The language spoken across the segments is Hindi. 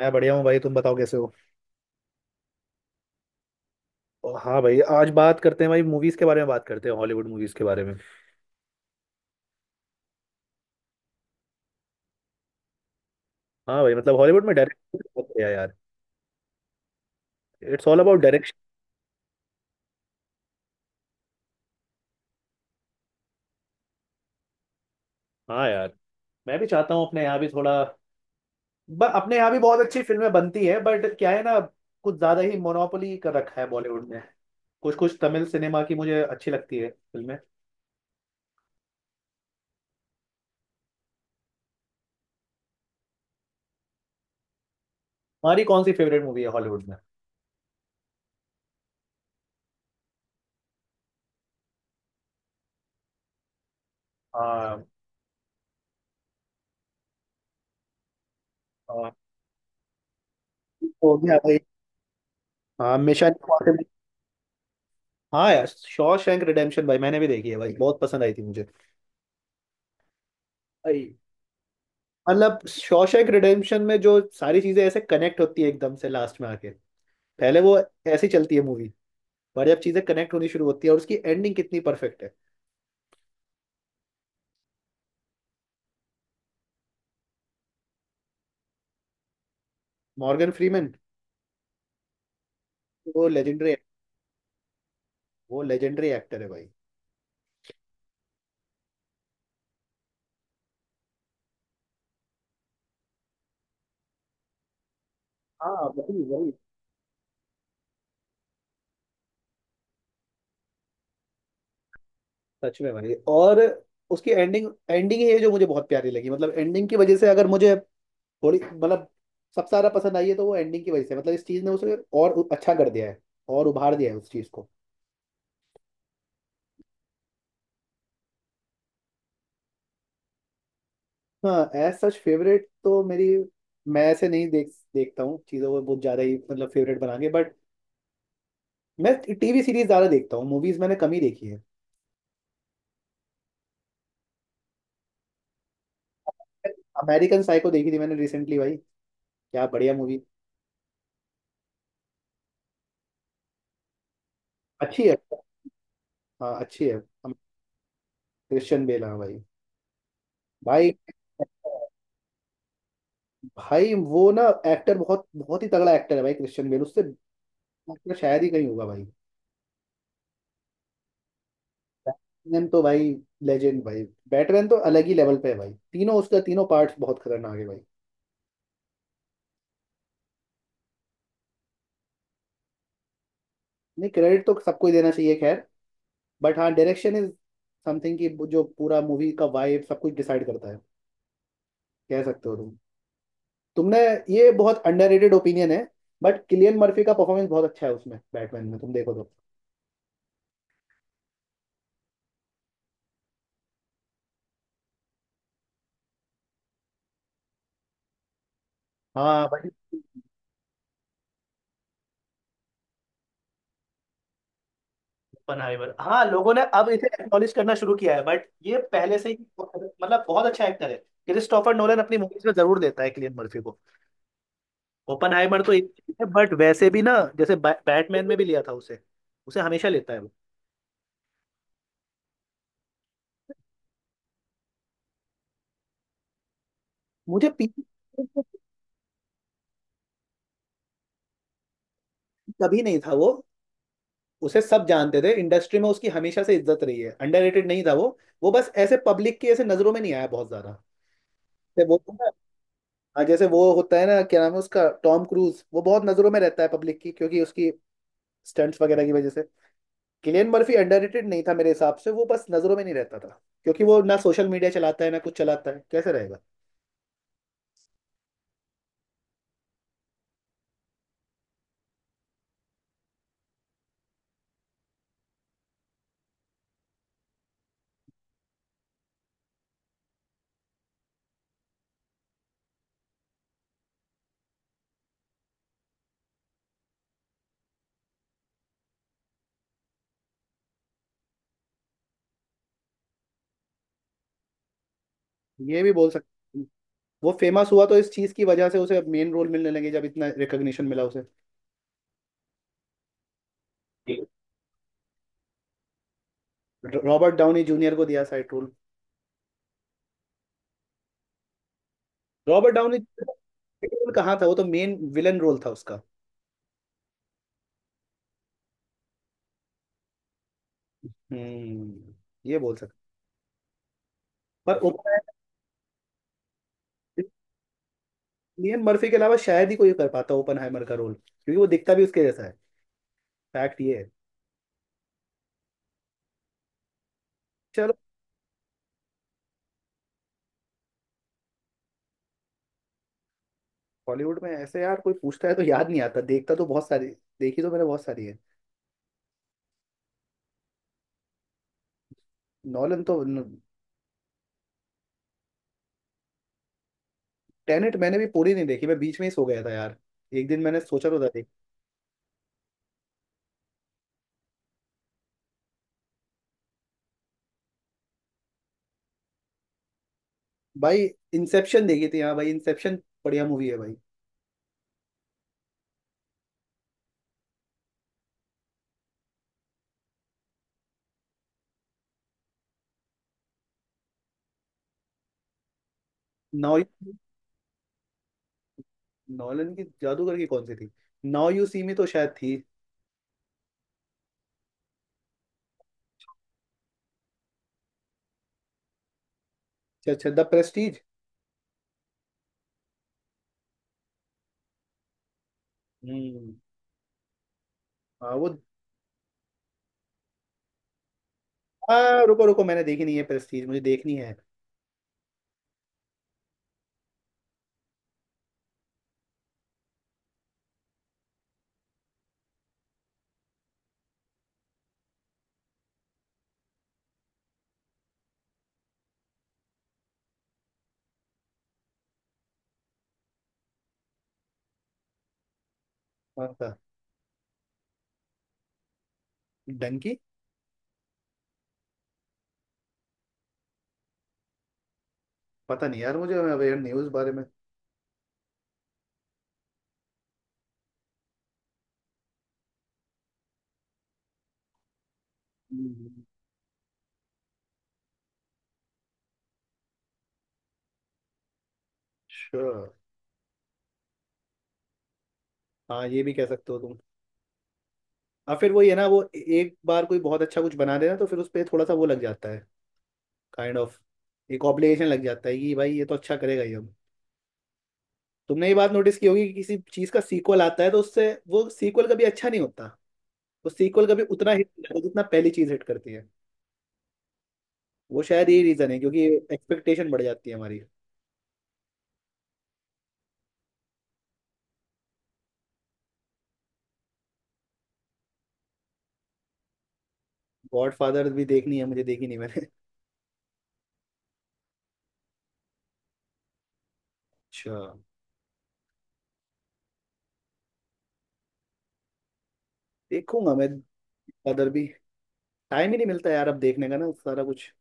मैं बढ़िया हूँ भाई। तुम बताओ कैसे हो। हाँ भाई, आज बात करते हैं भाई, मूवीज के बारे में बात करते हैं, हॉलीवुड मूवीज के बारे में। हाँ भाई, मतलब हॉलीवुड में डायरेक्शन बहुत बढ़िया यार। It's all about direction. हाँ यार, मैं भी चाहता हूँ अपने यहाँ भी थोड़ा। अपने यहाँ भी बहुत अच्छी फिल्में बनती है, बट क्या है ना, कुछ ज्यादा ही मोनोपोली कर रखा है बॉलीवुड ने। कुछ कुछ तमिल सिनेमा की मुझे अच्छी लगती है फिल्में। हमारी कौन सी फेवरेट मूवी है हॉलीवुड में। हाँ हाँ, हो गया भाई। हाँ, मिशन इम्पॉसिबल। हाँ यार, शॉशैंक रिडेम्पशन, भाई मैंने भी देखी है भाई, बहुत पसंद आई थी मुझे भाई। मतलब शॉशैंक रिडेम्पशन में जो सारी चीजें ऐसे कनेक्ट होती है एकदम से लास्ट में आके। पहले वो ऐसी चलती है मूवी, पर जब चीजें कनेक्ट होनी शुरू होती है, और उसकी एंडिंग कितनी परफेक्ट है। Morgan Freeman. वो लेजेंडरी। वो लेजेंडरी एक्टर है भाई। हाँ वही वही। सच में भाई, और उसकी एंडिंग एंडिंग ही है जो मुझे बहुत प्यारी लगी। मतलब एंडिंग की वजह से, अगर मुझे थोड़ी मतलब सबसे ज्यादा पसंद आई है तो वो एंडिंग की वजह से। मतलब इस चीज ने उसे और अच्छा कर दिया है, और उभार दिया है उस चीज को। हाँ, एज सच फेवरेट तो मेरी, मैं ऐसे नहीं देखता हूँ चीज़ों को बहुत ज़्यादा ही, मतलब फेवरेट बना के। बट मैं टीवी सीरीज ज़्यादा देखता हूँ, मूवीज़ मैंने कम ही देखी है। अमेरिकन साइको देखी थी मैंने रिसेंटली भाई। क्या बढ़िया मूवी। अच्छी है। हाँ अच्छी है। क्रिश्चियन बेल, हाँ भाई। भाई। भाई वो ना, एक्टर बहुत बहुत ही तगड़ा एक्टर है भाई, क्रिश्चियन बेल। उससे actor शायद ही कहीं होगा भाई। बैटमैन तो भाई, लेजेंड भाई। बैटमैन तो अलग ही लेवल पे है भाई, तीनों उसका तीनों पार्ट्स बहुत खतरनाक है भाई। नहीं, क्रेडिट तो सबको ही देना चाहिए, खैर। बट हाँ, डायरेक्शन इज समथिंग कि जो पूरा मूवी का वाइब सब कुछ डिसाइड करता है। कह सकते हो तुम। तुमने, ये बहुत अंडररेटेड ओपिनियन है। बट किलियन मर्फी का परफॉर्मेंस बहुत अच्छा है उसमें, बैटमैन में तुम देखो तो। हाँ बट। ओपनहाइमर, हाँ लोगों ने अब इसे एक्नॉलेज करना शुरू किया है, बट ये पहले से ही मतलब बहुत अच्छा एक्टर है। क्रिस्टोफर नोलन अपनी मूवीज में जरूर देता है किलियन मर्फी को। ओपनहाइमर तो एक है, बट वैसे भी ना, जैसे बैटमैन में भी लिया था उसे, उसे हमेशा लेता है वो। मुझे पीक। कभी नहीं था वो, उसे सब जानते थे इंडस्ट्री में, उसकी हमेशा से इज्जत रही है, अंडररेटेड नहीं था वो। वो बस ऐसे पब्लिक की ऐसे नजरों में नहीं आया बहुत ज्यादा। जैसे वो तो ना, हाँ, जैसे वो होता है ना, क्या नाम है उसका, टॉम क्रूज, वो बहुत नजरों में रहता है पब्लिक की, क्योंकि उसकी स्टंट्स वगैरह की वजह से। किलियन मर्फी अंडररेटेड नहीं था मेरे हिसाब से, वो बस नजरों में नहीं रहता था, क्योंकि वो ना सोशल मीडिया चलाता है ना कुछ चलाता है, कैसे रहेगा। ये भी बोल सकते हैं। वो फेमस हुआ तो इस चीज की वजह से उसे मेन रोल मिलने लगे, जब इतना रिकग्निशन मिला उसे। रॉबर्ट डाउनी जूनियर को दिया side role. Robert Downey. Role कहाँ था, वो तो मेन विलन रोल था उसका। हम्म, ये बोल सकते। पर ओपनहाइमर, लियन मर्फी के अलावा शायद ही कोई कर पाता ओपनहाइमर का रोल, क्योंकि वो दिखता भी उसके जैसा है। फैक्ट ये है। चलो। बॉलीवुड में ऐसे यार, कोई पूछता है तो याद नहीं आता। देखता तो बहुत सारी, देखी तो मैंने बहुत सारी है। नॉलन तो, टेनेट मैंने भी पूरी नहीं देखी, मैं बीच में ही सो गया था यार। एक दिन मैंने सोचा तो था देख। भाई इंसेप्शन देखी थी, हाँ भाई इंसेप्शन, बढ़िया मूवी है भाई। नाउ नॉलन की जादूगर की कौन सी थी, नाउ यू सी में तो शायद थी। अच्छा अच्छा, द प्रेस्टीज। हम्म। हाँ वो, रुको रुको, मैंने देखी नहीं है प्रेस्टीज, मुझे देखनी है। कौन सा। डंकी। पता नहीं यार, मुझे अवेयर नहीं हूँ उस बारे में। हम्म। sure. हाँ ये भी कह सकते हो तुम। हाँ फिर वही है ना वो, एक बार कोई बहुत अच्छा कुछ बना देना तो फिर उस पर थोड़ा सा वो लग जाता है, काइंड ऑफ एक ऑब्लिगेशन लग जाता है कि भाई ये तो अच्छा करेगा ये अब। तुमने ये बात नोटिस की होगी कि किसी चीज़ का सीक्वल आता है तो उससे वो सीक्वल कभी अच्छा नहीं होता, वो सीक्वल कभी उतना हिट नहीं करता जितना पहली चीज़ हिट करती है। वो शायद यही रीज़न है क्योंकि एक्सपेक्टेशन बढ़ जाती है हमारी। गॉडफादर भी देखनी है मुझे, देखी नहीं मैंने। अच्छा, देखूंगा मैं। फादर भी। टाइम ही नहीं मिलता यार अब देखने का ना सारा कुछ,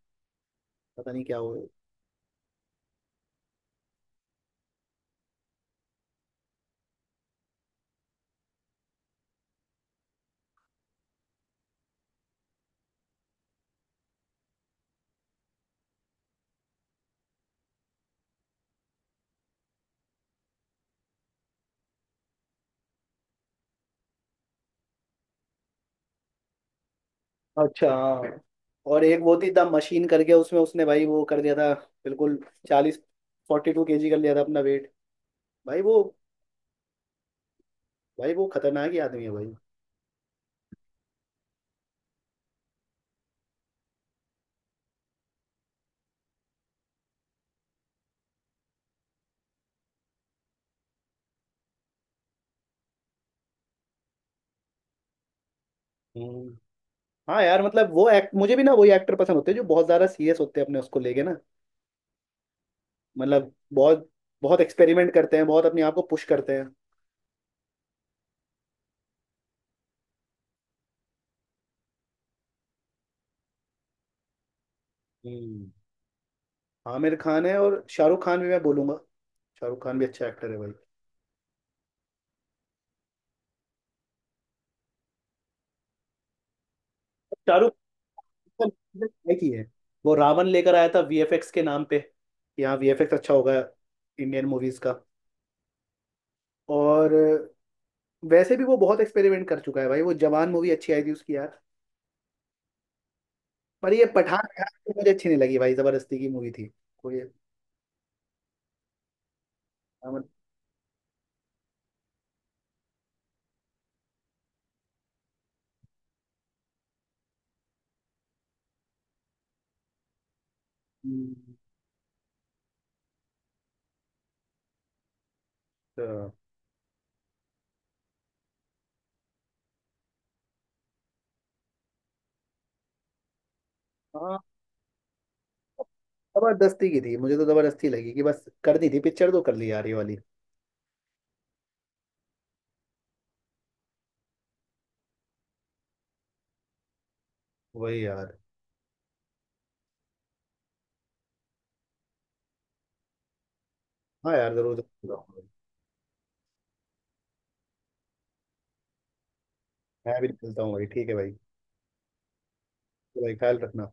पता नहीं क्या हो गया। अच्छा हाँ। और एक वो थी द मशीन करके, उसमें उसने भाई वो कर दिया था, बिल्कुल। 40, 42 kg कर लिया था अपना वेट। भाई वो। भाई वो खतरनाक ही आदमी है भाई। हम्म। हाँ यार, मतलब वो एक्ट मुझे भी ना, वही एक्टर पसंद होते हैं जो बहुत ज़्यादा सीरियस होते हैं अपने उसको लेके ना, मतलब बहुत बहुत एक्सपेरिमेंट करते हैं, बहुत अपने आप को पुश करते हैं। हम्म। आमिर खान है, और शाहरुख खान भी मैं बोलूंगा, शाहरुख खान भी अच्छा एक्टर है भाई। शाहरुख खान ने try की है, वो रावण लेकर आया था वीएफएक्स के नाम पे कि हाँ वीएफएक्स अच्छा होगा इंडियन मूवीज का। और वैसे भी वो बहुत एक्सपेरिमेंट कर चुका है भाई, वो जवान मूवी अच्छी आई थी उसकी यार। पर ये पठान यार मुझे अच्छी नहीं लगी भाई, जबरदस्ती की मूवी थी। कोई। अमर- हम्म, तो। हाँ जबरदस्ती की थी, मुझे तो जबरदस्ती लगी कि बस करनी थी पिक्चर तो कर ली यार ये वाली। वही यार। हाँ यार जरूर देखूंगा। मैं भी निकलता हूँ भाई, ठीक है भाई। तो भाई ख्याल रखना।